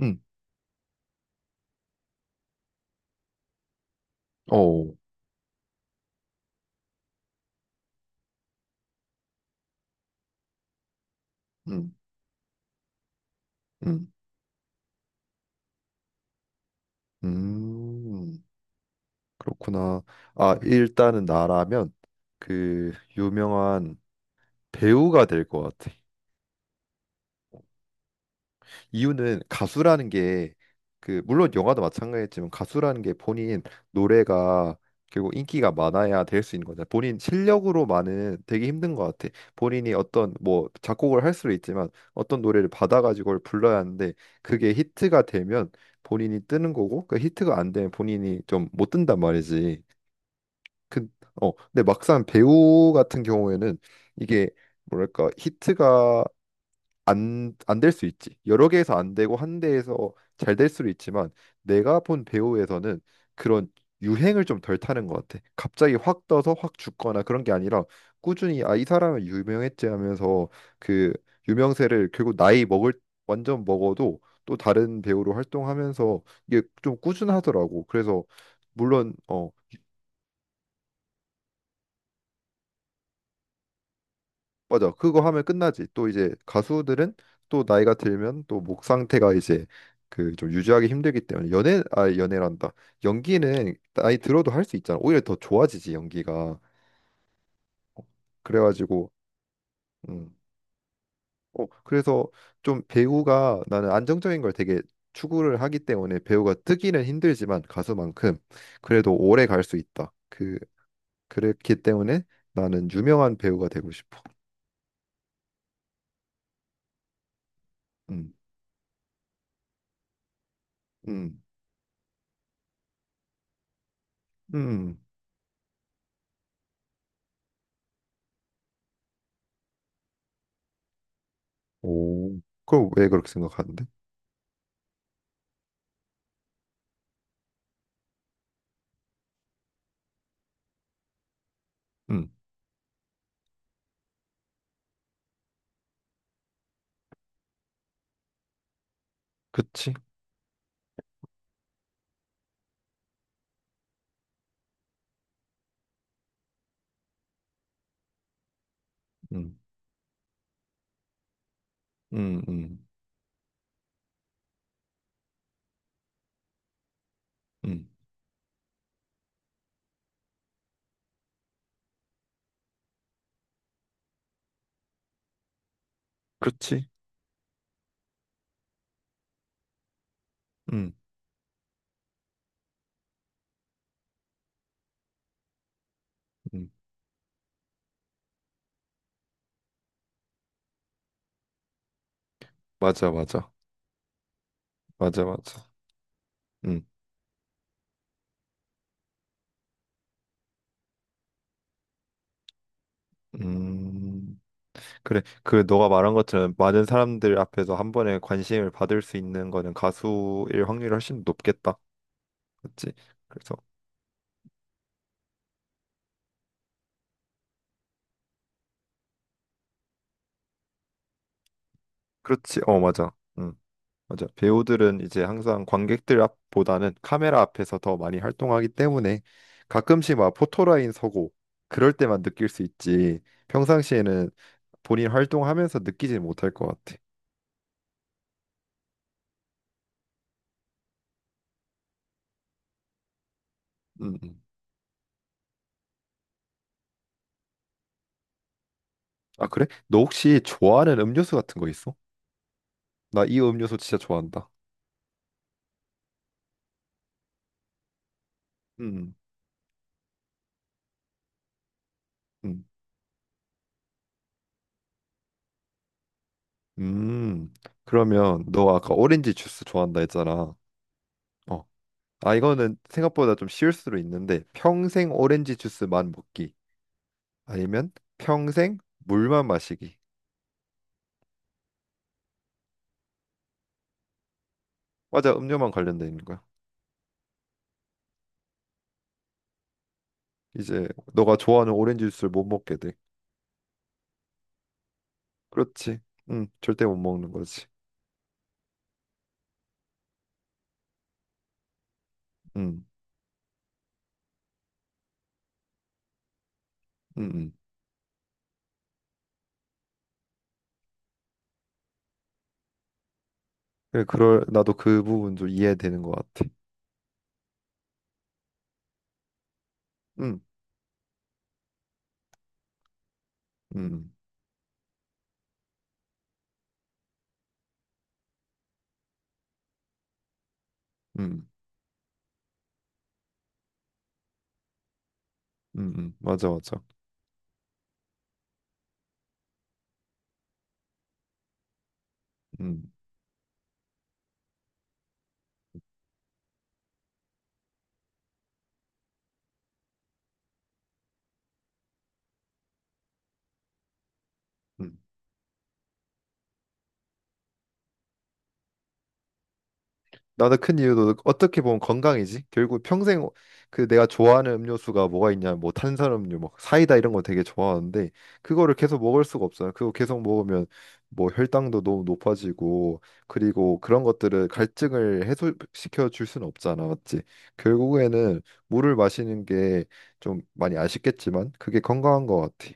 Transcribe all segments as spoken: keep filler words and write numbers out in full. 음, 어, 음, 음, 음, 그렇구나. 아, 일단은 나라면 그 유명한 배우가 될 것 같아. 이유는 가수라는 게 그 물론 영화도 마찬가지지만 가수라는 게 본인 노래가 결국 인기가 많아야 될 수 있는 거잖아. 본인 실력으로만은 되게 힘든 것 같아. 본인이 어떤 뭐 작곡을 할 수도 있지만 어떤 노래를 받아가지고 그걸 불러야 하는데 그게 히트가 되면 본인이 뜨는 거고 그 히트가 안 되면 본인이 좀 못 뜬단 말이지. 그, 어, 근데 막상 배우 같은 경우에는 이게 뭐랄까 히트가 안, 안 될 수 있지. 여러 개에서 안 되고 한 대에서 잘 될 수도 있지만 내가 본 배우에서는 그런 유행을 좀 덜 타는 것 같아. 갑자기 확 떠서 확 죽거나 그런 게 아니라 꾸준히 아, 이 사람은 유명했지 하면서 그 유명세를 결국 나이 먹을 완전 먹어도 또 다른 배우로 활동하면서 이게 좀 꾸준하더라고. 그래서 물론 어, 맞아. 그거 하면 끝나지. 또 이제 가수들은 또 나이가 들면 또 목 상태가 이제 그 좀 유지하기 힘들기 때문에 연애 아 연애란다. 연기는 나이 들어도 할 수 있잖아. 오히려 더 좋아지지 연기가. 그래가지고 음. 어 그래서 좀 배우가 나는 안정적인 걸 되게 추구를 하기 때문에 배우가 뜨기는 힘들지만 가수만큼 그래도 오래 갈 수 있다. 그 그렇기 때문에 나는 유명한 배우가 되고 싶어. 음. 음. 음. 오, 그럼 왜 그렇게 생각하는데? 음, 그치? 음, 음, 음, 음, 그치? 음, 음, 맞아, 맞아, 맞아, 맞아. 음, 음, 그래. 그 너가 말한 것처럼 많은 사람들 앞에서 한 번에 관심을 받을 수 있는 거는 가수일 확률이 훨씬 높겠다. 그치? 그래서 그렇지. 어, 맞아. 응. 맞아. 배우들은 이제 항상 관객들 앞보다는 카메라 앞에서 더 많이 활동하기 때문에 가끔씩 막 포토라인 서고 그럴 때만 느낄 수 있지. 평상시에는 본인 활동하면서 느끼지 못할 것 같아. 음. 음. 아, 그래? 너 혹시 좋아하는 음료수 같은 거 있어? 나 이 음료수 진짜 좋아한다. 음. 음. 음. 음. 그러면 너 아까 오렌지 주스 좋아한다 했잖아. 어. 아, 이거는 생각보다 좀 쉬울 수도 있는데 평생 오렌지 주스만 먹기. 아니면 평생 물만 마시기. 과자 음료만 관련돼 있는 거야. 이제 너가 좋아하는 오렌지 주스를 못 먹게 돼. 그렇지. 응, 절대 못 먹는 거지. 응, 응, 응. 그래, 그럴 나도 그 부분 좀 이해되는 것 같아. 응, 응, 응, 응, 응, 맞아, 맞아. 응, 응. 나도 큰 이유도 어떻게 보면 건강이지. 결국 평생 그 내가 좋아하는 음료수가 뭐가 있냐, 뭐 탄산음료, 뭐 사이다 이런 거 되게 좋아하는데 그거를 계속 먹을 수가 없어요. 그거 계속 먹으면 뭐 혈당도 너무 높아지고 그리고 그런 것들을 갈증을 해소시켜 줄 수는 없잖아, 맞지? 결국에는 물을 마시는 게 좀 많이 아쉽겠지만 그게 건강한 것 같아.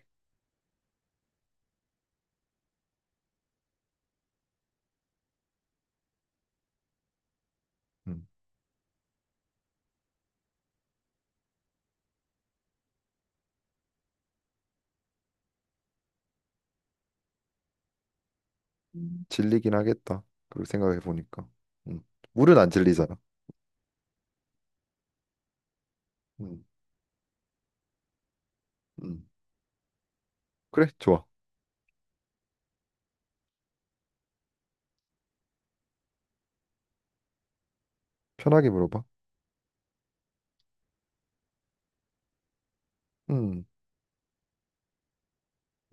음, 음. 질리긴 하겠다. 그리고 생각해 보니까, 음, 물은 안 질리잖아. 음, 음. 그래, 좋아. 편하게 물어봐. 음,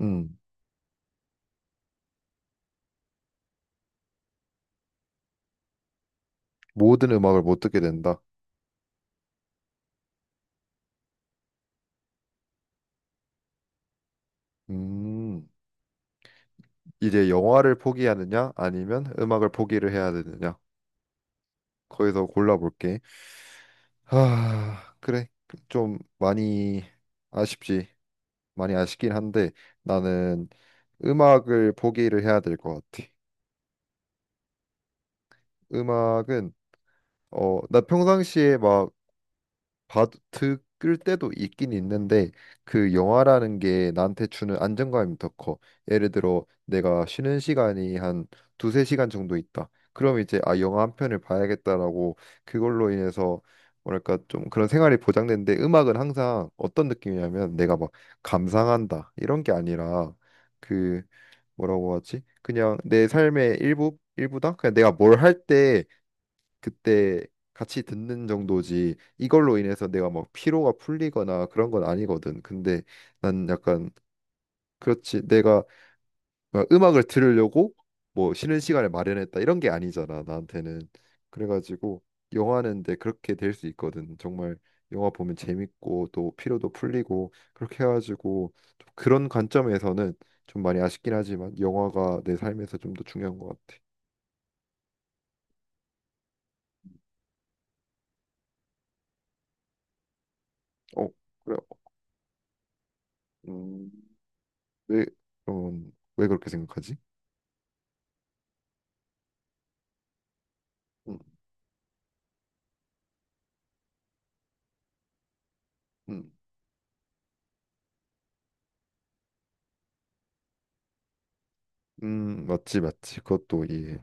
음. 모든 음악을 못 듣게 된다. 음, 이제 영화를 포기하느냐, 아니면 음악을 포기를 해야 되느냐. 거기서 골라볼게. 아, 그래. 좀 많이 아쉽지. 많이 아쉽긴 한데 나는 음악을 포기를 해야 될 것 같아. 음악은 어, 나 평상시에 막 봐도 끌 때도 있긴 있는데 그 영화라는 게 나한테 주는 안정감이 더 커. 예를 들어 내가 쉬는 시간이 한 두세 시간 정도 있다. 그럼 이제 아 영화 한 편을 봐야겠다라고 그걸로 인해서 뭐랄까 좀 그런 생활이 보장되는데 음악은 항상 어떤 느낌이냐면 내가 막 감상한다 이런 게 아니라 그 뭐라고 하지? 그냥 내 삶의 일부 일부다. 그냥 내가 뭘할때 그때 같이 듣는 정도지 이걸로 인해서 내가 막 피로가 풀리거나 그런 건 아니거든. 근데 난 약간 그렇지 내가 막 음악을 들으려고 뭐 쉬는 시간을 마련했다 이런 게 아니잖아 나한테는. 그래가지고 영화는 데 그렇게 될 수 있거든. 정말 영화 보면 재밌고 또 피로도 풀리고 그렇게 해가지고 좀 그런 관점에서는 좀 많이 아쉽긴 하지만 영화가 내 삶에서 좀 더 중요한 것 같아. 어 그래. 음. 왜, 음, 왜 그렇게 생각하지? 음, 음, 음, 맞지, 맞지. 그것도 이해.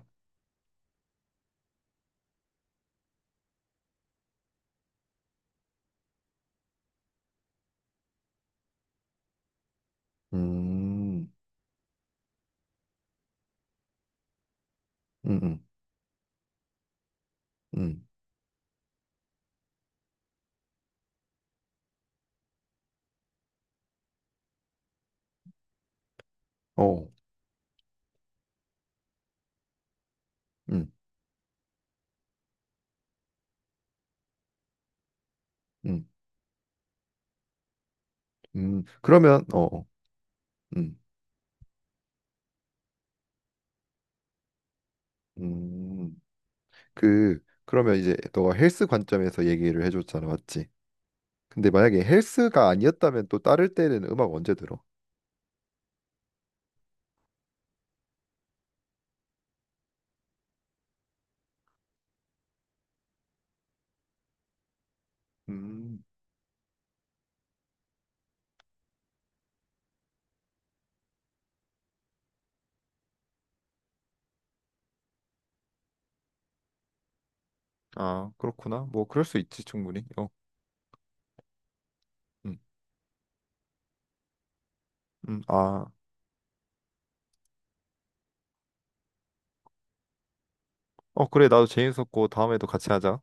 음, 음, 음, 음, 어, 음, 음, 음. 그러면, 어, 어, 음, 음. 그, 그러면 이제 너가 헬스 관점에서 얘기를 해줬잖아, 맞지? 근데 만약에 헬스가 아니었다면 또 따를 때는 음악 언제 들어? 음, 아, 그렇구나. 뭐, 그럴 수 있지, 충분히. 어, 음, 음, 아, 어, 그래, 나도 재밌었고, 다음에도 같이 하자.